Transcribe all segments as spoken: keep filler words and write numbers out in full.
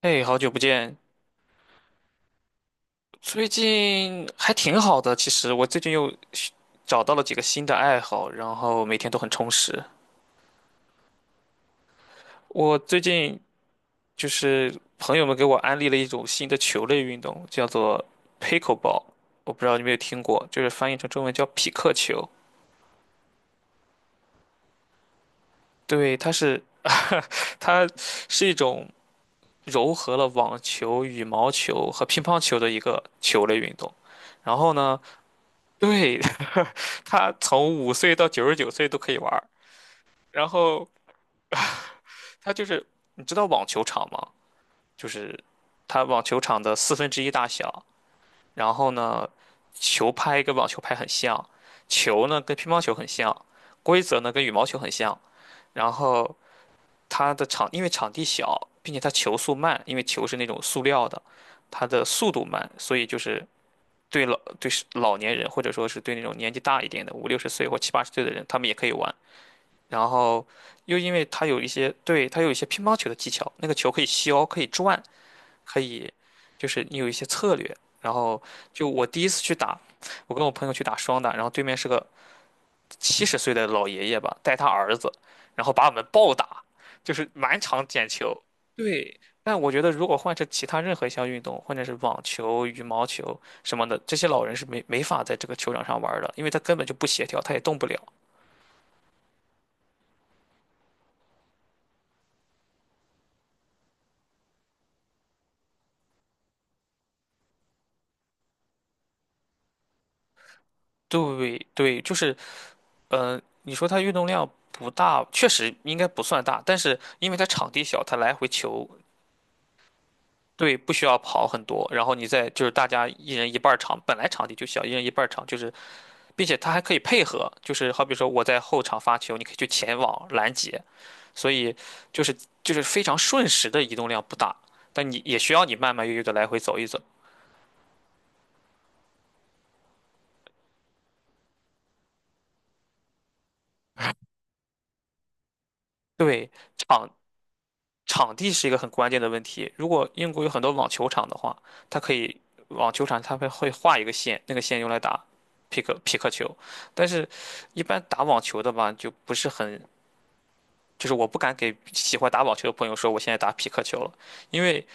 哎，好久不见，最近还挺好的。其实我最近又找到了几个新的爱好，然后每天都很充实。我最近就是朋友们给我安利了一种新的球类运动，叫做 pickleball。我不知道你有没有听过，就是翻译成中文叫匹克球。对，它是它是一种糅合了网球、羽毛球和乒乓球的一个球类运动。然后呢，对，它从五岁到九十九岁都可以玩儿。然后它就是你知道网球场吗？就是它网球场的四分之一大小，然后呢，球拍跟网球拍很像，球呢跟乒乓球很像，规则呢跟羽毛球很像，然后它的场因为场地小，并且它球速慢，因为球是那种塑料的，它的速度慢，所以就是对老对老年人或者说是对那种年纪大一点的五六十岁或七八十岁的人，他们也可以玩。然后又因为它有一些，对，它有一些乒乓球的技巧，那个球可以削，可以转，可以，就是你有一些策略。然后就我第一次去打，我跟我朋友去打双打，然后对面是个七十岁的老爷爷吧，带他儿子，然后把我们暴打，就是满场捡球。对，但我觉得如果换成其他任何一项运动，或者是网球、羽毛球什么的，这些老人是没没法在这个球场上玩儿的，因为他根本就不协调，他也动不了。对对，就是嗯，你说它运动量不大，确实应该不算大，但是因为它场地小，它来回球对不需要跑很多，然后你再就是大家一人一半儿场，本来场地就小，一人一半儿场就是，并且它还可以配合，就是好比说我在后场发球，你可以去前网拦截，所以就是就是非常瞬时的移动量不大，但你也需要你慢慢悠悠的来回走一走。对，场场地是一个很关键的问题。如果英国有很多网球场的话，它可以网球场它们会画一个线，那个线用来打匹克匹克球。但是，一般打网球的吧，就不是很，就是我不敢给喜欢打网球的朋友说我现在打匹克球了，因为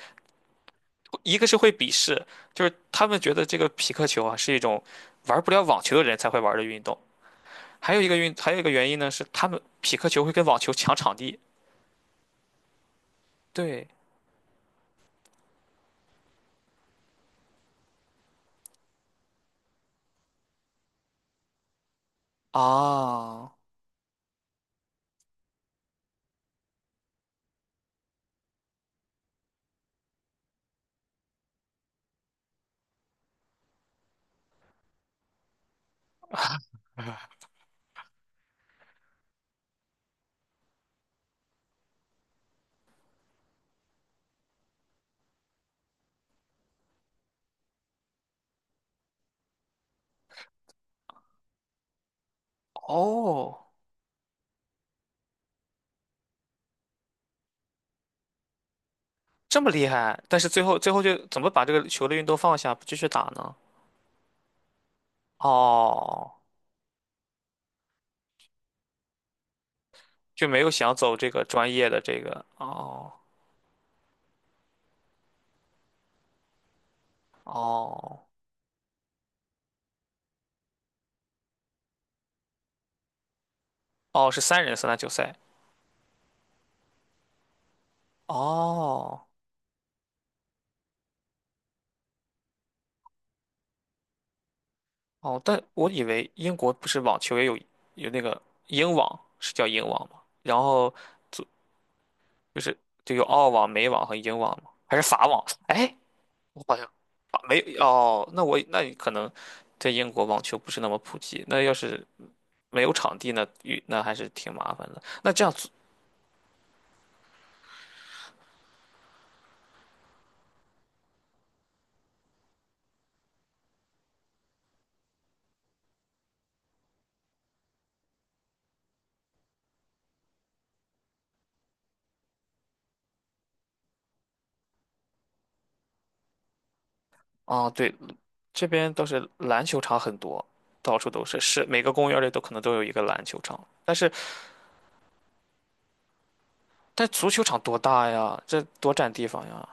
一个是会鄙视，就是他们觉得这个匹克球啊是一种玩不了网球的人才会玩的运动。还有一个运，还有一个原因呢是他们匹克球会跟网球抢场地。对啊，哦。这么厉害，但是最后最后就怎么把这个球的运动放下，不继续打呢？哦，就没有想走这个专业的这个，哦哦哦，是三人三打九赛，哦哦，但我以为英国不是网球也有有那个英网，是叫英网吗？然后就就是就有澳网、美网和英网吗？还是法网？哎，我好像啊没有哦，那我那你可能在英国网球不是那么普及，那要是没有场地呢，与那还是挺麻烦的。那这样子啊，对，这边倒是篮球场很多，到处都是，是每个公园里都可能都有一个篮球场。但是，但足球场多大呀？这多占地方呀！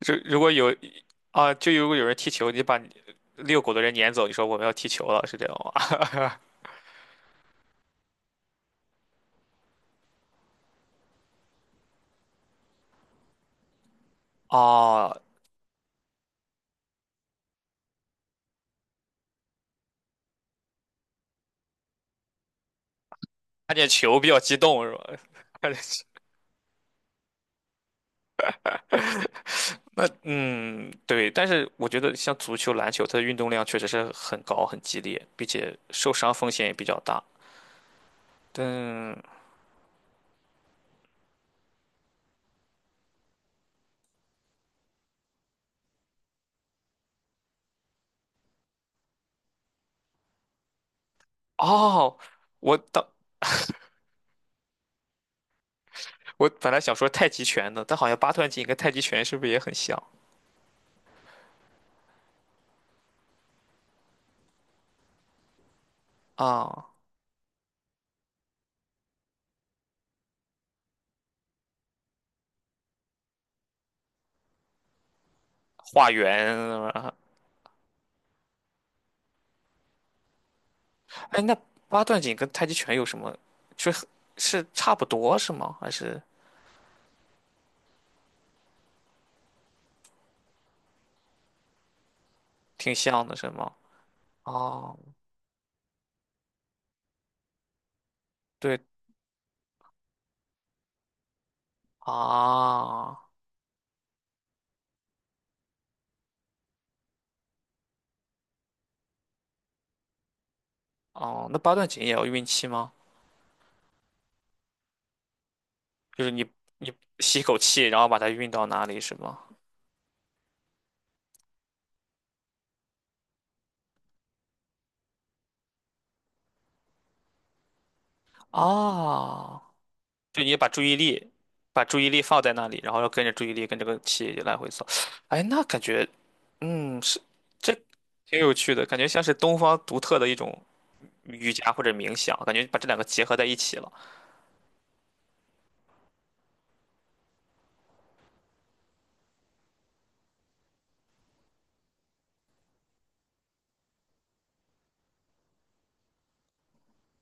如如果有啊，就如果有人踢球，你把你遛狗的人撵走，你说我们要踢球了，是这样吗？哦，看见球比较激动是吧？看见那嗯，对，但是我觉得像足球、篮球，它的运动量确实是很高、很激烈，并且受伤风险也比较大。但哦，我当我本来想说太极拳的，但好像八段锦跟太极拳是不是也很像啊？画圆，啊哎，那八段锦跟太极拳有什么？是是差不多是吗？还是挺像的是吗？哦，对啊，哦，那八段锦也要运气吗？就是你你吸一口气，然后把它运到哪里是吗？哦，就你把注意力把注意力放在那里，然后要跟着注意力跟这个气来回走。哎，那感觉，嗯，是这挺有趣的，感觉像是东方独特的一种瑜伽或者冥想，感觉把这两个结合在一起了。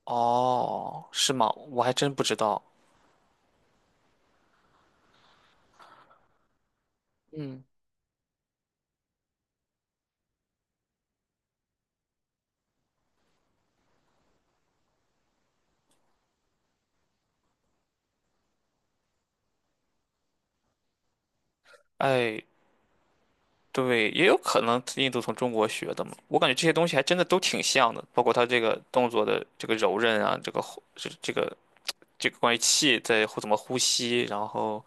哦，是吗？我还真不知道。嗯，哎，对，也有可能印度从中国学的嘛。我感觉这些东西还真的都挺像的，包括它这个动作的这个柔韧啊，这个呼这这个这个关于气在呼怎么呼吸，然后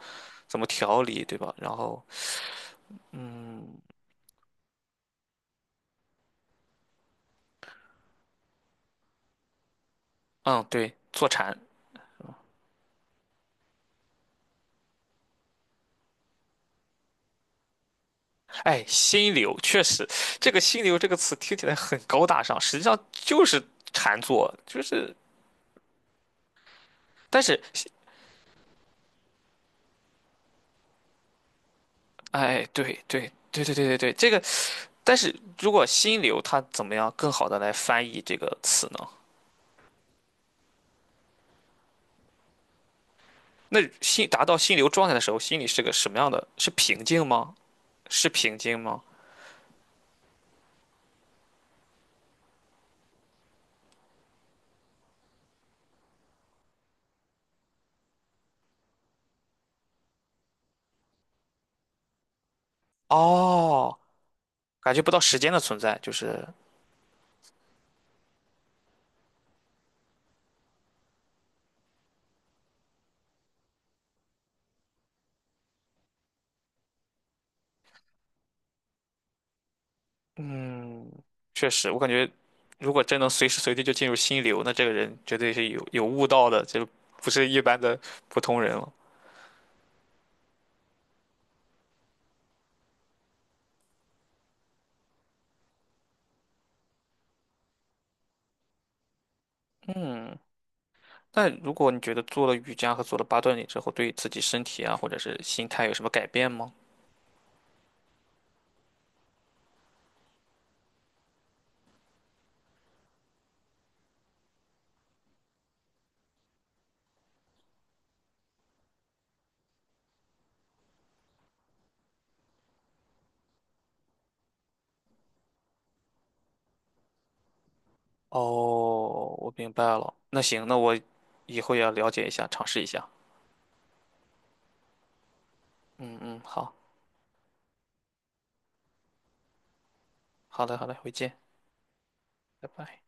怎么调理，对吧？然后，嗯嗯，对，坐禅，哎，心流确实，这个心流这个词听起来很高大上，实际上就是禅坐，就是，但是，哎，对对对对对对对，这个。但是如果心流，它怎么样更好的来翻译这个词呢？那心达到心流状态的时候，心里是个什么样的？是平静吗？是平静吗？哦，感觉不到时间的存在，就是，嗯，确实，我感觉如果真能随时随地就进入心流，那这个人绝对是有有悟道的，就不是一般的普通人了。那如果你觉得做了瑜伽和做了八段锦之后，对自己身体啊，或者是心态有什么改变吗？哦，我明白了。那行，那我以后也要了解一下，尝试一下。嗯嗯，好，好的好的，回见，拜拜。